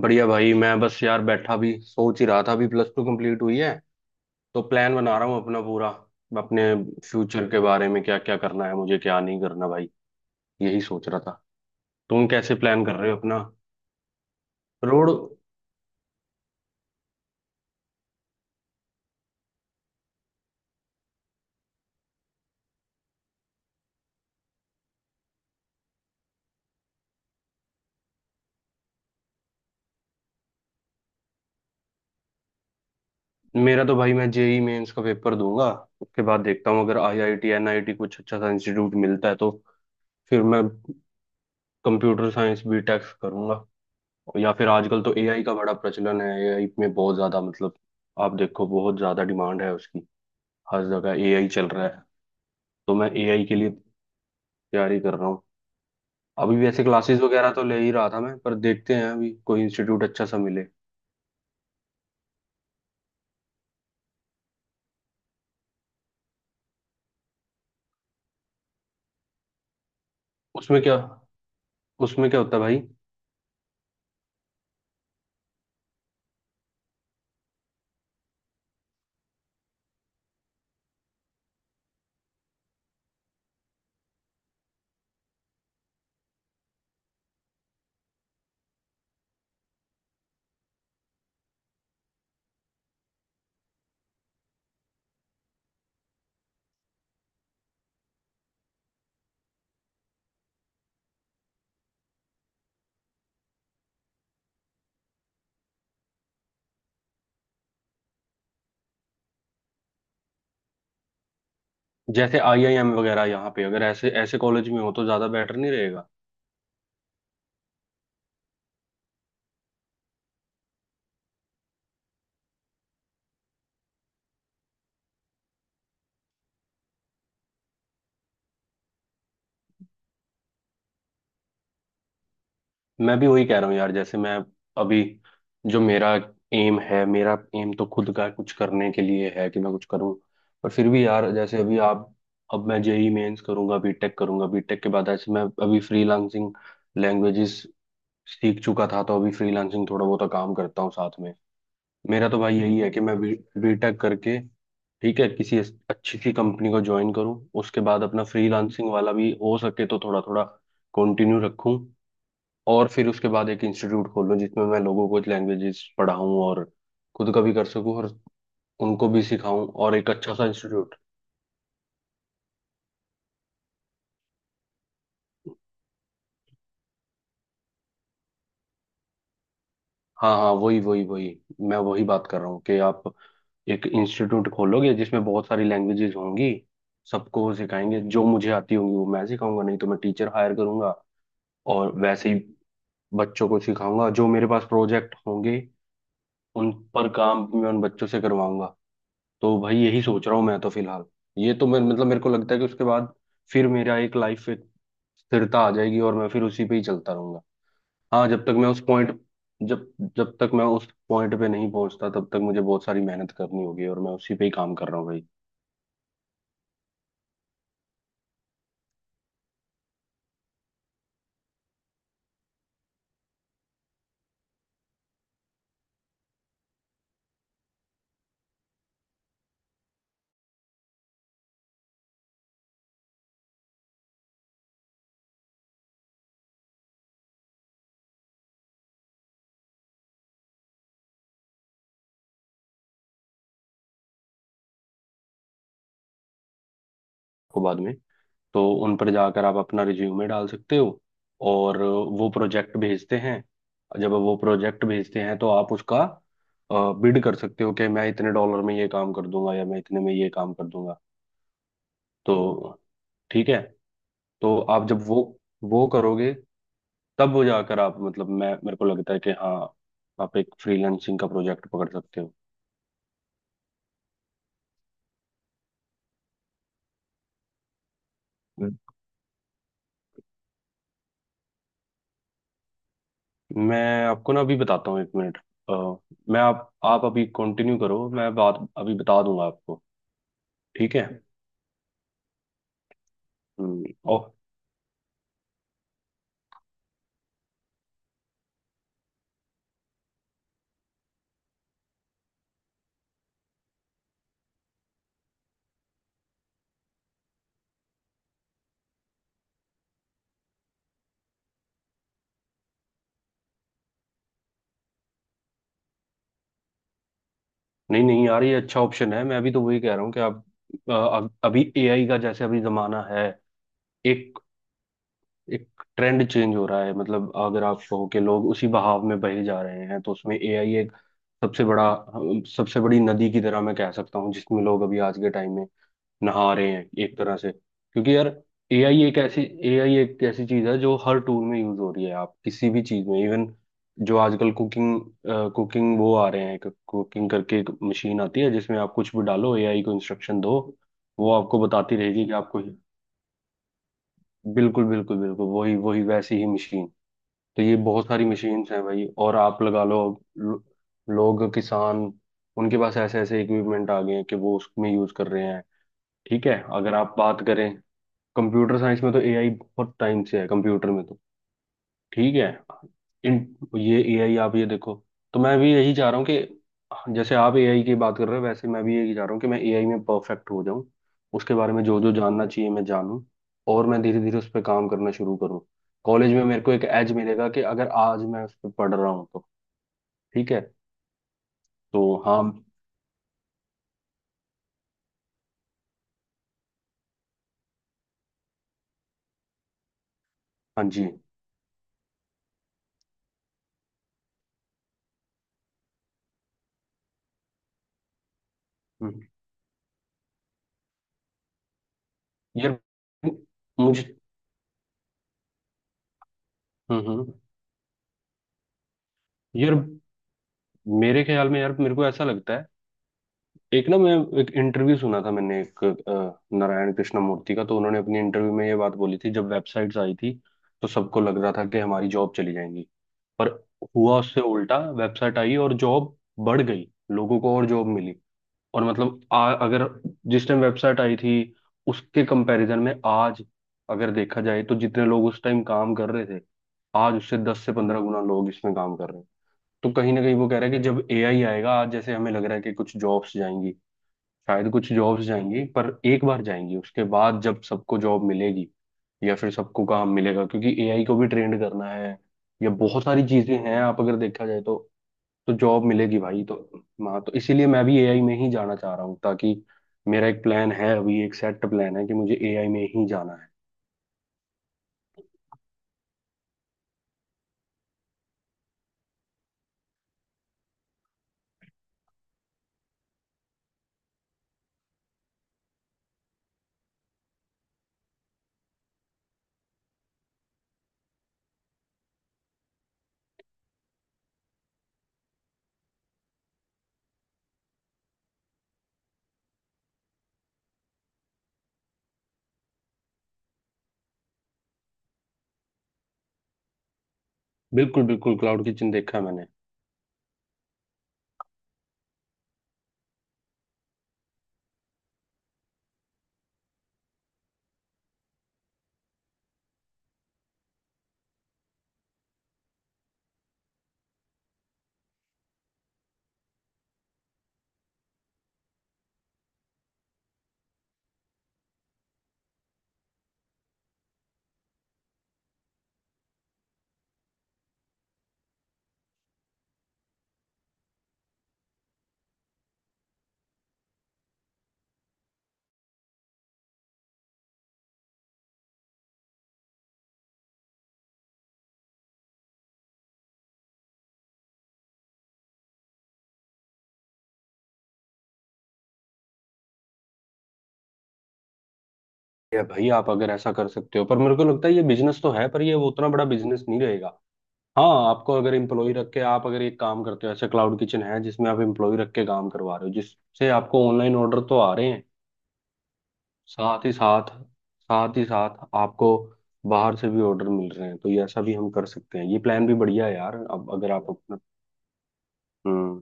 बढ़िया भाई, मैं बस यार बैठा भी सोच ही रहा था। अभी प्लस टू कंप्लीट हुई है, तो प्लान बना रहा हूँ अपना पूरा अपने फ्यूचर के बारे में, क्या क्या करना है मुझे, क्या नहीं करना भाई। यही सोच रहा था। तुम कैसे प्लान कर रहे हो अपना रोड? मेरा तो भाई, मैं जेई मेंस का पेपर दूंगा। उसके बाद देखता हूँ, अगर आईआईटी एनआईटी कुछ अच्छा सा इंस्टीट्यूट मिलता है, तो फिर मैं कंप्यूटर साइंस बीटेक करूंगा। या फिर आजकल तो एआई का बड़ा प्रचलन है। एआई में बहुत ज्यादा मतलब, आप देखो बहुत ज्यादा डिमांड है उसकी। हर जगह एआई चल रहा है। तो मैं एआई के लिए तैयारी कर रहा हूँ। अभी वैसे क्लासेस वगैरह तो ले ही रहा था मैं, पर देखते हैं अभी कोई इंस्टीट्यूट अच्छा सा मिले। उसमें क्या उसमें क्या होता है भाई? जैसे आईआईएम वगैरह, यहाँ पे अगर ऐसे ऐसे कॉलेज में हो तो ज़्यादा बेटर नहीं रहेगा? मैं भी वही कह रहा हूँ यार। जैसे मैं अभी, जो मेरा एम है, मेरा एम तो खुद का कुछ करने के लिए है कि मैं कुछ करूँ। पर फिर भी यार, जैसे अभी आप, अब मैं जेई मेंस करूंगा, बीटेक करूंगा, बीटेक के बाद ऐसे मैं अभी फ्रीलांसिंग लैंग्वेजेस सीख चुका था, तो अभी फ्रीलांसिंग थोड़ा बहुत काम करता हूँ साथ में। मेरा तो भाई यही है कि मैं बी बीटेक करके, ठीक है, किसी अच्छी सी कंपनी को ज्वाइन करूँ। उसके बाद अपना फ्रीलांसिंग वाला भी हो सके तो थोड़ा थोड़ा कंटिन्यू रखूँ। और फिर उसके बाद एक इंस्टीट्यूट खोलूँ जिसमें मैं लोगों को लैंग्वेजेस पढ़ाऊँ, और खुद का भी कर सकूँ, और उनको भी सिखाऊँ, और एक अच्छा सा इंस्टीट्यूट। हाँ हाँ, वही वही वही, मैं वही बात कर रहा हूँ कि आप एक इंस्टीट्यूट खोलोगे जिसमें बहुत सारी लैंग्वेजेस होंगी। सबको वो सिखाएंगे, जो मुझे आती होंगी वो मैं सिखाऊंगा, नहीं तो मैं टीचर हायर करूंगा। और वैसे ही बच्चों को सिखाऊंगा। जो मेरे पास प्रोजेक्ट होंगे उन पर काम मैं उन बच्चों से करवाऊंगा। तो भाई यही सोच रहा हूँ मैं तो फिलहाल। ये तो मेरे, मतलब मेरे को लगता है कि उसके बाद फिर मेरा एक लाइफ, एक स्थिरता आ जाएगी और मैं फिर उसी पे ही चलता रहूंगा। हाँ, जब जब तक मैं उस पॉइंट पे नहीं पहुंचता, तब तक मुझे बहुत सारी मेहनत करनी होगी, और मैं उसी पे ही काम कर रहा हूँ भाई। को बाद में, तो उन पर जाकर आप अपना रिज्यूमे डाल सकते हो, और वो प्रोजेक्ट भेजते हैं। जब वो प्रोजेक्ट भेजते हैं, तो आप उसका बिड कर सकते हो कि मैं इतने डॉलर में ये काम कर दूंगा या मैं इतने में ये काम कर दूंगा। तो ठीक है। तो आप जब वो करोगे, तब वो जाकर आप, मतलब मैं, मेरे को लगता है कि हाँ, आप एक फ्रीलांसिंग का प्रोजेक्ट पकड़ सकते हो। मैं आपको ना अभी बताता हूँ, एक मिनट। अ, मैं, आप अभी कंटिन्यू करो, मैं बात अभी बता दूंगा आपको। ठीक है। ओ। नहीं नहीं यार, ये अच्छा ऑप्शन है। मैं अभी तो वही कह रहा हूँ कि आप, अभी एआई का जैसे अभी जमाना है। एक एक ट्रेंड चेंज हो रहा है। मतलब अगर आप कहो कि लोग उसी बहाव में बहे जा रहे हैं, तो उसमें एआई एक सबसे बड़ा सबसे बड़ी नदी की तरह मैं कह सकता हूँ, जिसमें लोग अभी आज के टाइम में नहा रहे हैं एक तरह से। क्योंकि यार, एआई एक ऐसी एआई एक ऐसी चीज है जो हर टूल में यूज हो रही है। आप किसी भी चीज में, इवन जो आजकल कुकिंग, कुकिंग वो आ रहे हैं, कुकिंग करके एक मशीन आती है जिसमें आप कुछ भी डालो, एआई को इंस्ट्रक्शन दो, वो आपको बताती रहेगी कि आपको। बिल्कुल बिल्कुल बिल्कुल, वही वही, वैसी ही मशीन। तो ये बहुत सारी मशीन्स हैं भाई। और आप लगा लो, लो- लोग, किसान, उनके पास ऐसे ऐसे इक्विपमेंट आ गए हैं कि वो उसमें यूज कर रहे हैं। ठीक है, अगर आप बात करें कंप्यूटर साइंस में, तो एआई बहुत टाइम से है कंप्यूटर में। तो ठीक है। इन, ये एआई, आप ये देखो। तो मैं भी यही चाह रहा हूँ कि जैसे आप एआई की बात कर रहे हो, वैसे मैं भी यही चाह रहा हूँ कि मैं एआई में परफेक्ट हो जाऊँ। उसके बारे में जो जो जानना चाहिए मैं जानूँ। और मैं धीरे धीरे उस पर काम करना शुरू करूँ। कॉलेज में मेरे को एक एज मिलेगा कि अगर आज मैं उस पर पढ़ रहा हूँ तो। ठीक है तो, हाँ। हाँ जी। हम्म। यार मुझे। हम्म। हम्म। यार मेरे ख्याल में, यार मेरे को ऐसा लगता है, एक ना, मैं एक इंटरव्यू सुना था मैंने, एक नारायण कृष्ण मूर्ति का। तो उन्होंने अपनी इंटरव्यू में ये बात बोली थी, जब वेबसाइट्स आई थी, तो सबको लग रहा था कि हमारी जॉब चली जाएंगी। पर हुआ उससे उल्टा, वेबसाइट आई और जॉब बढ़ गई, लोगों को और जॉब मिली। और मतलब अगर जिस टाइम वेबसाइट आई थी उसके कंपैरिजन में आज अगर देखा जाए, तो जितने लोग उस टाइम काम कर रहे थे, आज उससे 10 से 15 गुना लोग इसमें काम कर रहे हैं। तो कहीं ना कहीं वो कह रहा है कि जब एआई आएगा, आज जैसे हमें लग रहा है कि कुछ जॉब्स जाएंगी, शायद कुछ जॉब्स जाएंगी, पर एक बार जाएंगी, उसके बाद जब सबको जॉब मिलेगी, या फिर सबको काम मिलेगा, क्योंकि एआई को भी ट्रेंड करना है। या बहुत सारी चीजें हैं, आप अगर देखा जाए, तो जॉब मिलेगी भाई। तो हाँ, तो इसीलिए मैं भी एआई में ही जाना चाह रहा हूँ, ताकि, मेरा एक प्लान है, अभी एक सेट प्लान है कि मुझे एआई में ही जाना है। बिल्कुल बिल्कुल, क्लाउड किचन देखा है मैंने। ये भाई, आप अगर ऐसा कर सकते हो, पर मेरे को लगता है ये बिजनेस तो है, पर ये वो उतना बड़ा बिजनेस नहीं रहेगा। हाँ, आपको अगर एम्प्लॉय रख के आप अगर एक काम करते हो, ऐसे क्लाउड किचन है जिसमें आप एम्प्लॉय रख के काम करवा रहे हो, जिससे आपको ऑनलाइन ऑर्डर तो आ रहे हैं। साथ ही साथ साथ ही साथ आपको बाहर से भी ऑर्डर मिल रहे हैं, तो ये ऐसा भी हम कर सकते हैं। ये प्लान भी बढ़िया है यार। अब अगर आप अपना, हम्म।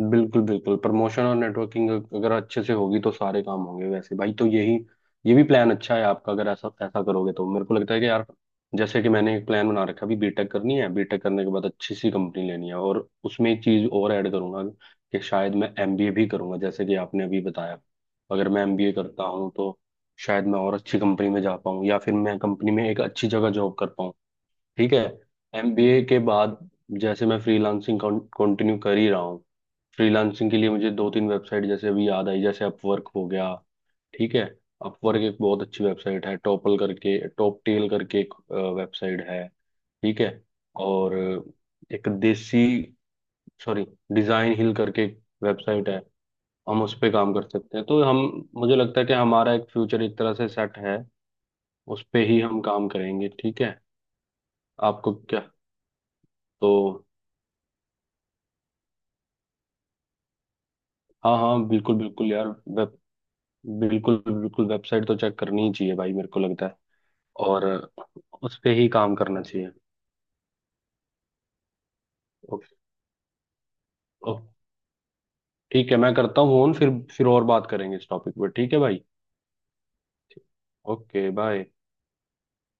बिल्कुल बिल्कुल, प्रमोशन और नेटवर्किंग अगर अच्छे से होगी तो सारे काम होंगे वैसे भाई। तो यही, ये भी प्लान अच्छा है आपका। अगर ऐसा ऐसा करोगे तो मेरे को लगता है कि यार, जैसे कि मैंने एक प्लान बना रखा है, अभी बीटेक करनी है, बीटेक करने के बाद अच्छी सी कंपनी लेनी है, और उसमें एक चीज और ऐड करूंगा कि शायद मैं एमबीए भी करूंगा, जैसे कि आपने अभी बताया। अगर मैं एमबीए करता हूँ तो शायद मैं और अच्छी कंपनी में जा पाऊँ, या फिर मैं कंपनी में एक अच्छी जगह जॉब कर पाऊँ। ठीक है। एमबीए के बाद, जैसे मैं फ्रीलांसिंग कंटिन्यू कर ही रहा हूँ। फ्रीलांसिंग के लिए मुझे दो तीन वेबसाइट जैसे अभी याद आई, जैसे अपवर्क हो गया। ठीक है। अपवर्क एक बहुत अच्छी वेबसाइट है। टॉपल करके, टॉप टेल करके एक वेबसाइट है। ठीक है। और एक देसी, सॉरी, डिजाइन हिल करके वेबसाइट है। हम उस पे काम कर सकते हैं। तो हम, मुझे लगता है कि हमारा एक फ्यूचर एक तरह से सेट है। उस पे ही हम काम करेंगे। ठीक है। आपको क्या, तो हाँ हाँ, बिल्कुल बिल्कुल यार वेब, बिल्कुल बिल्कुल, वेबसाइट तो चेक करनी ही चाहिए भाई, मेरे को लगता है। और उस पे ही काम करना चाहिए। ओके, ओके, ठीक है, मैं करता हूँ फोन फिर। फिर और बात करेंगे इस टॉपिक पे, ठीक है भाई। Okay, bye.